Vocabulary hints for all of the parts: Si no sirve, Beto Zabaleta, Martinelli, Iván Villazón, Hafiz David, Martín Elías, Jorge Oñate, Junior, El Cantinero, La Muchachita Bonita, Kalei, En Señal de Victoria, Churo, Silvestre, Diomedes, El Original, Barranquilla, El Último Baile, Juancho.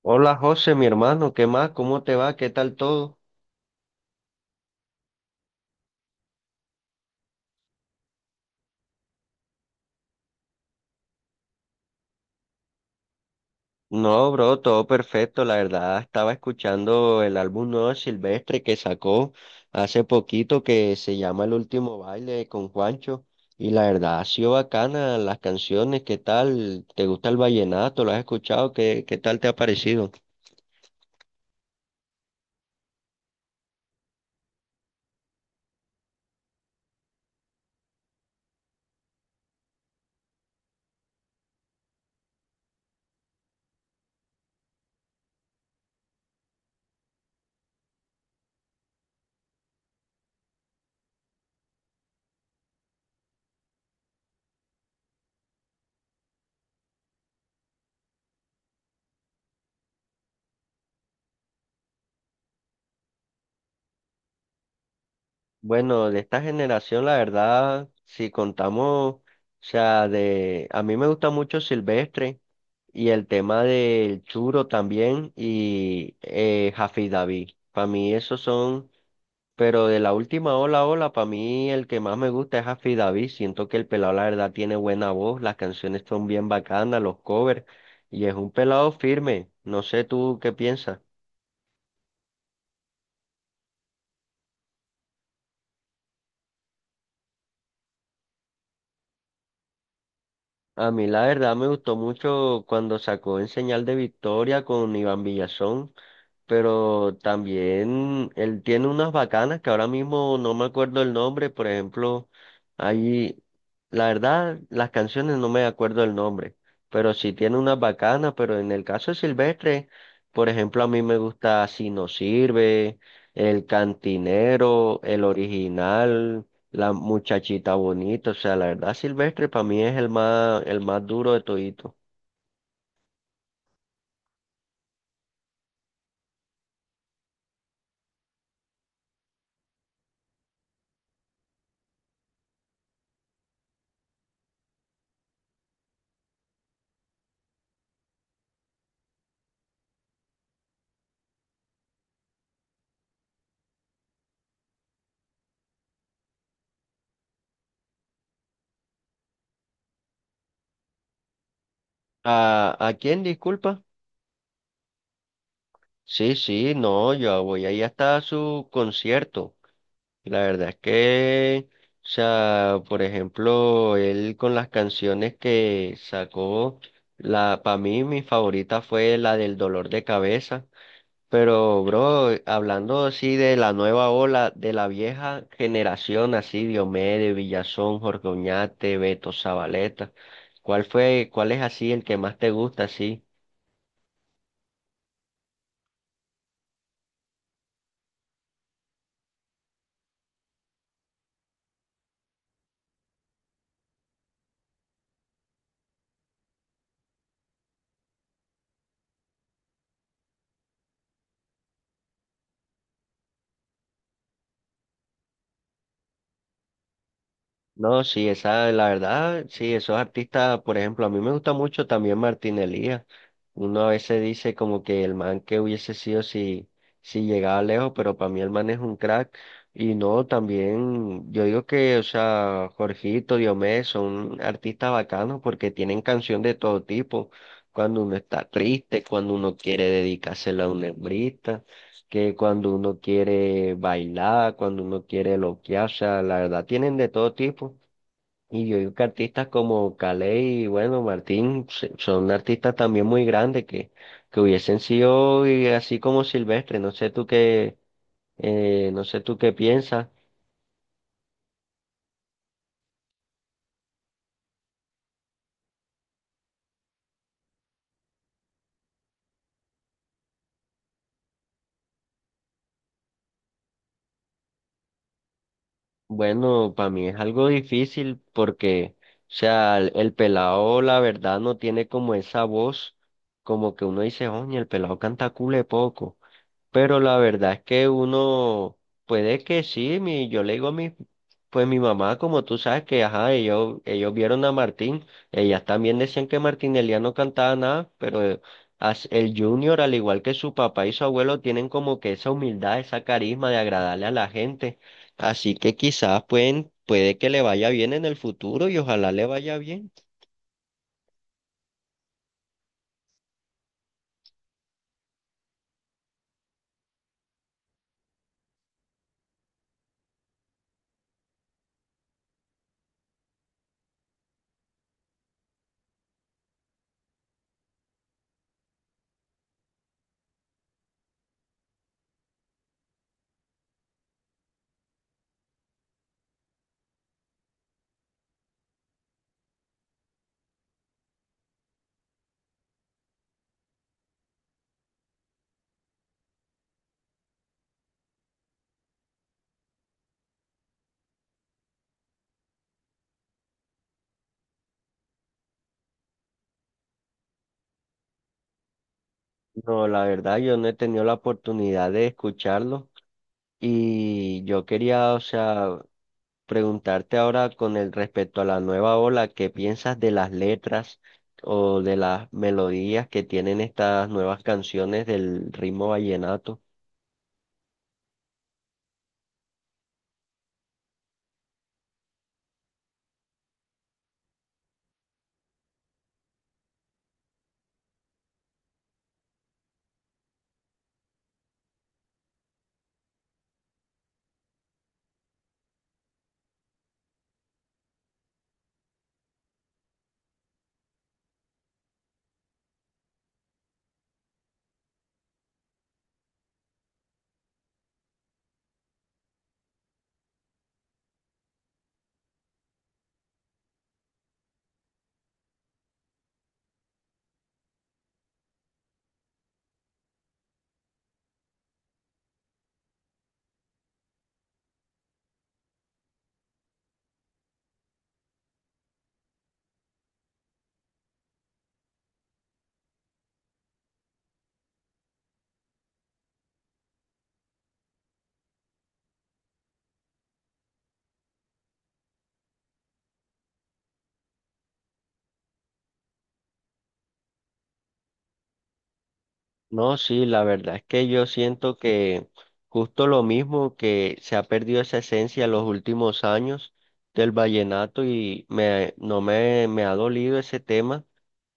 Hola José, mi hermano, ¿qué más? ¿Cómo te va? ¿Qué tal todo? No, bro, todo perfecto. La verdad, estaba escuchando el álbum nuevo de Silvestre que sacó hace poquito que se llama El Último Baile con Juancho. Y la verdad, ha sido bacana las canciones. ¿Qué tal? ¿Te gusta el vallenato? ¿Lo has escuchado? ¿Qué tal te ha parecido? Bueno, de esta generación, la verdad, si contamos, o sea, de, a mí me gusta mucho Silvestre. Y el tema del Churo también y David. Para mí esos son, pero de la última ola, para mí el que más me gusta es Hafiz David. Siento que el pelado la verdad tiene buena voz, las canciones son bien bacanas, los covers, y es un pelado firme. No sé tú qué piensas. A mí la verdad me gustó mucho cuando sacó En Señal de Victoria con Iván Villazón. Pero también él tiene unas bacanas que ahora mismo no me acuerdo el nombre, por ejemplo, ahí, la verdad, las canciones no me acuerdo el nombre, pero sí tiene unas bacanas, pero en el caso de Silvestre, por ejemplo, a mí me gusta Si no sirve, El Cantinero, El Original, La Muchachita Bonita, o sea, la verdad, Silvestre para mí es el más duro de todito. ¿A quién, disculpa? Sí, sí, no, yo voy ahí hasta su concierto. Y la verdad es que, o sea, por ejemplo, él con las canciones que sacó, la, para mí mi favorita fue la del dolor de cabeza. Pero, bro, hablando así de la nueva ola, de la vieja generación, así, Diomedes, Villazón, Jorge Oñate, Beto Zabaleta, ¿cuál es así el que más te gusta, así? No, sí, esa, la verdad, sí, esos artistas, por ejemplo, a mí me gusta mucho también Martín Elías. Uno a veces dice como que el man que hubiese sido si, si llegaba lejos, pero para mí el man es un crack. Y no, también, yo digo que, o sea, Jorgito, Diomedes son artistas bacanos porque tienen canción de todo tipo. Cuando uno está triste, cuando uno quiere dedicársela a una hembrita, que cuando uno quiere bailar, cuando uno quiere loquear, o sea, la verdad, tienen de todo tipo. Y yo digo que artistas como Kalei y bueno, Martín se- son artistas también muy grandes que hubiesen sido y así como Silvestre. No sé tú qué piensas. Bueno, para mí es algo difícil porque, o sea, el pelado la verdad no tiene como esa voz, como que uno dice, oye, el pelado canta cule poco. Pero la verdad es que uno puede que sí, mi, yo le digo a mi, pues mi mamá, como tú sabes que, ajá, ellos vieron a Martín, ellas también decían que Martinelli no cantaba nada, pero as- el Junior, al igual que su papá y su abuelo, tienen como que esa humildad, esa carisma de agradarle a la gente. Así que quizás pueden, puede que le vaya bien en el futuro y ojalá le vaya bien. No, la verdad, yo no he tenido la oportunidad de escucharlo. Y yo quería, o sea, preguntarte ahora con el respecto a la nueva ola, ¿qué piensas de las letras o de las melodías que tienen estas nuevas canciones del ritmo vallenato? No, sí, la verdad es que yo siento que justo lo mismo que se ha perdido esa esencia en los últimos años del vallenato y me, no me, me ha dolido ese tema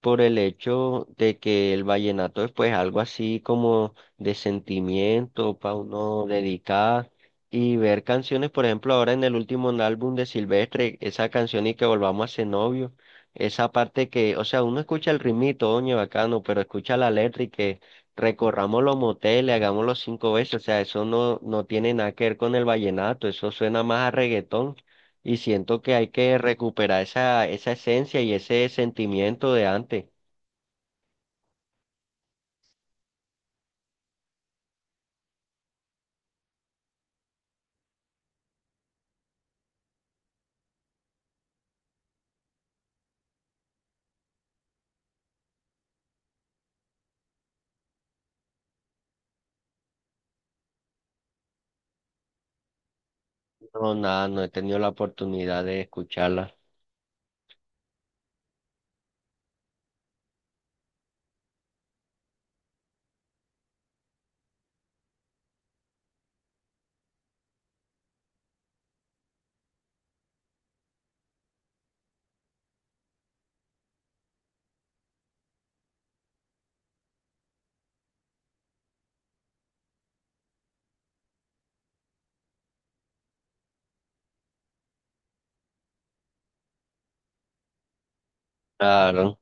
por el hecho de que el vallenato es pues algo así como de sentimiento para uno dedicar y ver canciones, por ejemplo, ahora en el último álbum de Silvestre, esa canción y que volvamos a ser novios, esa parte que, o sea, uno escucha el ritmito, oye, bacano, pero escucha la letra y que recorramos los moteles, hagámoslo 5 veces, o sea, eso no tiene nada que ver con el vallenato, eso suena más a reggaetón. Y siento que hay que recuperar esa esencia y ese sentimiento de antes. No, nada, no he tenido la oportunidad de escucharla. Claro.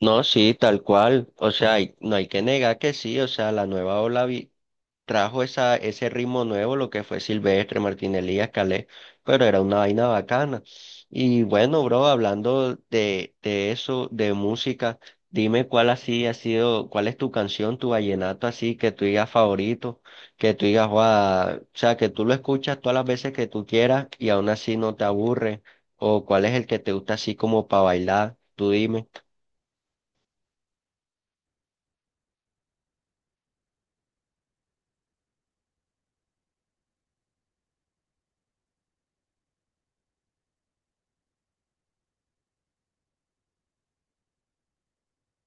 No, sí, tal cual. O sea, hay- no hay que negar que sí. O sea, la nueva ola vi- trajo esa, ese ritmo nuevo, lo que fue Silvestre, Martín Elías, Calé, pero era una vaina bacana. Y bueno, bro, hablando de eso, de música, dime cuál así ha sido, cuál es tu canción, tu vallenato así, que tú digas favorito, que tú digas, "Guau", o sea, que tú lo escuchas todas las veces que tú quieras y aún así no te aburre, o cuál es el que te gusta así como para bailar, tú dime.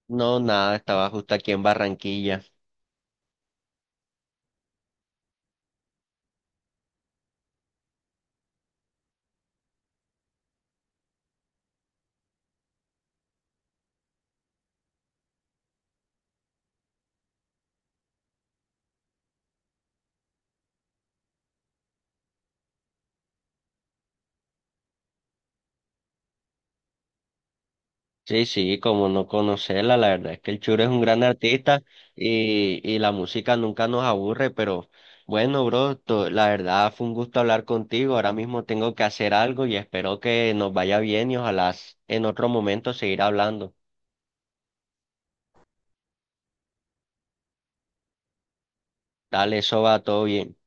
No, nada, estaba justo aquí en Barranquilla. Sí, sí, como no conocerla, la verdad es que el Churo es un gran artista y la música nunca nos aburre, pero bueno, bro, to- la verdad fue un gusto hablar contigo. Ahora mismo tengo que hacer algo y espero que nos vaya bien y ojalá s- en otro momento seguir hablando. Dale, eso va todo bien.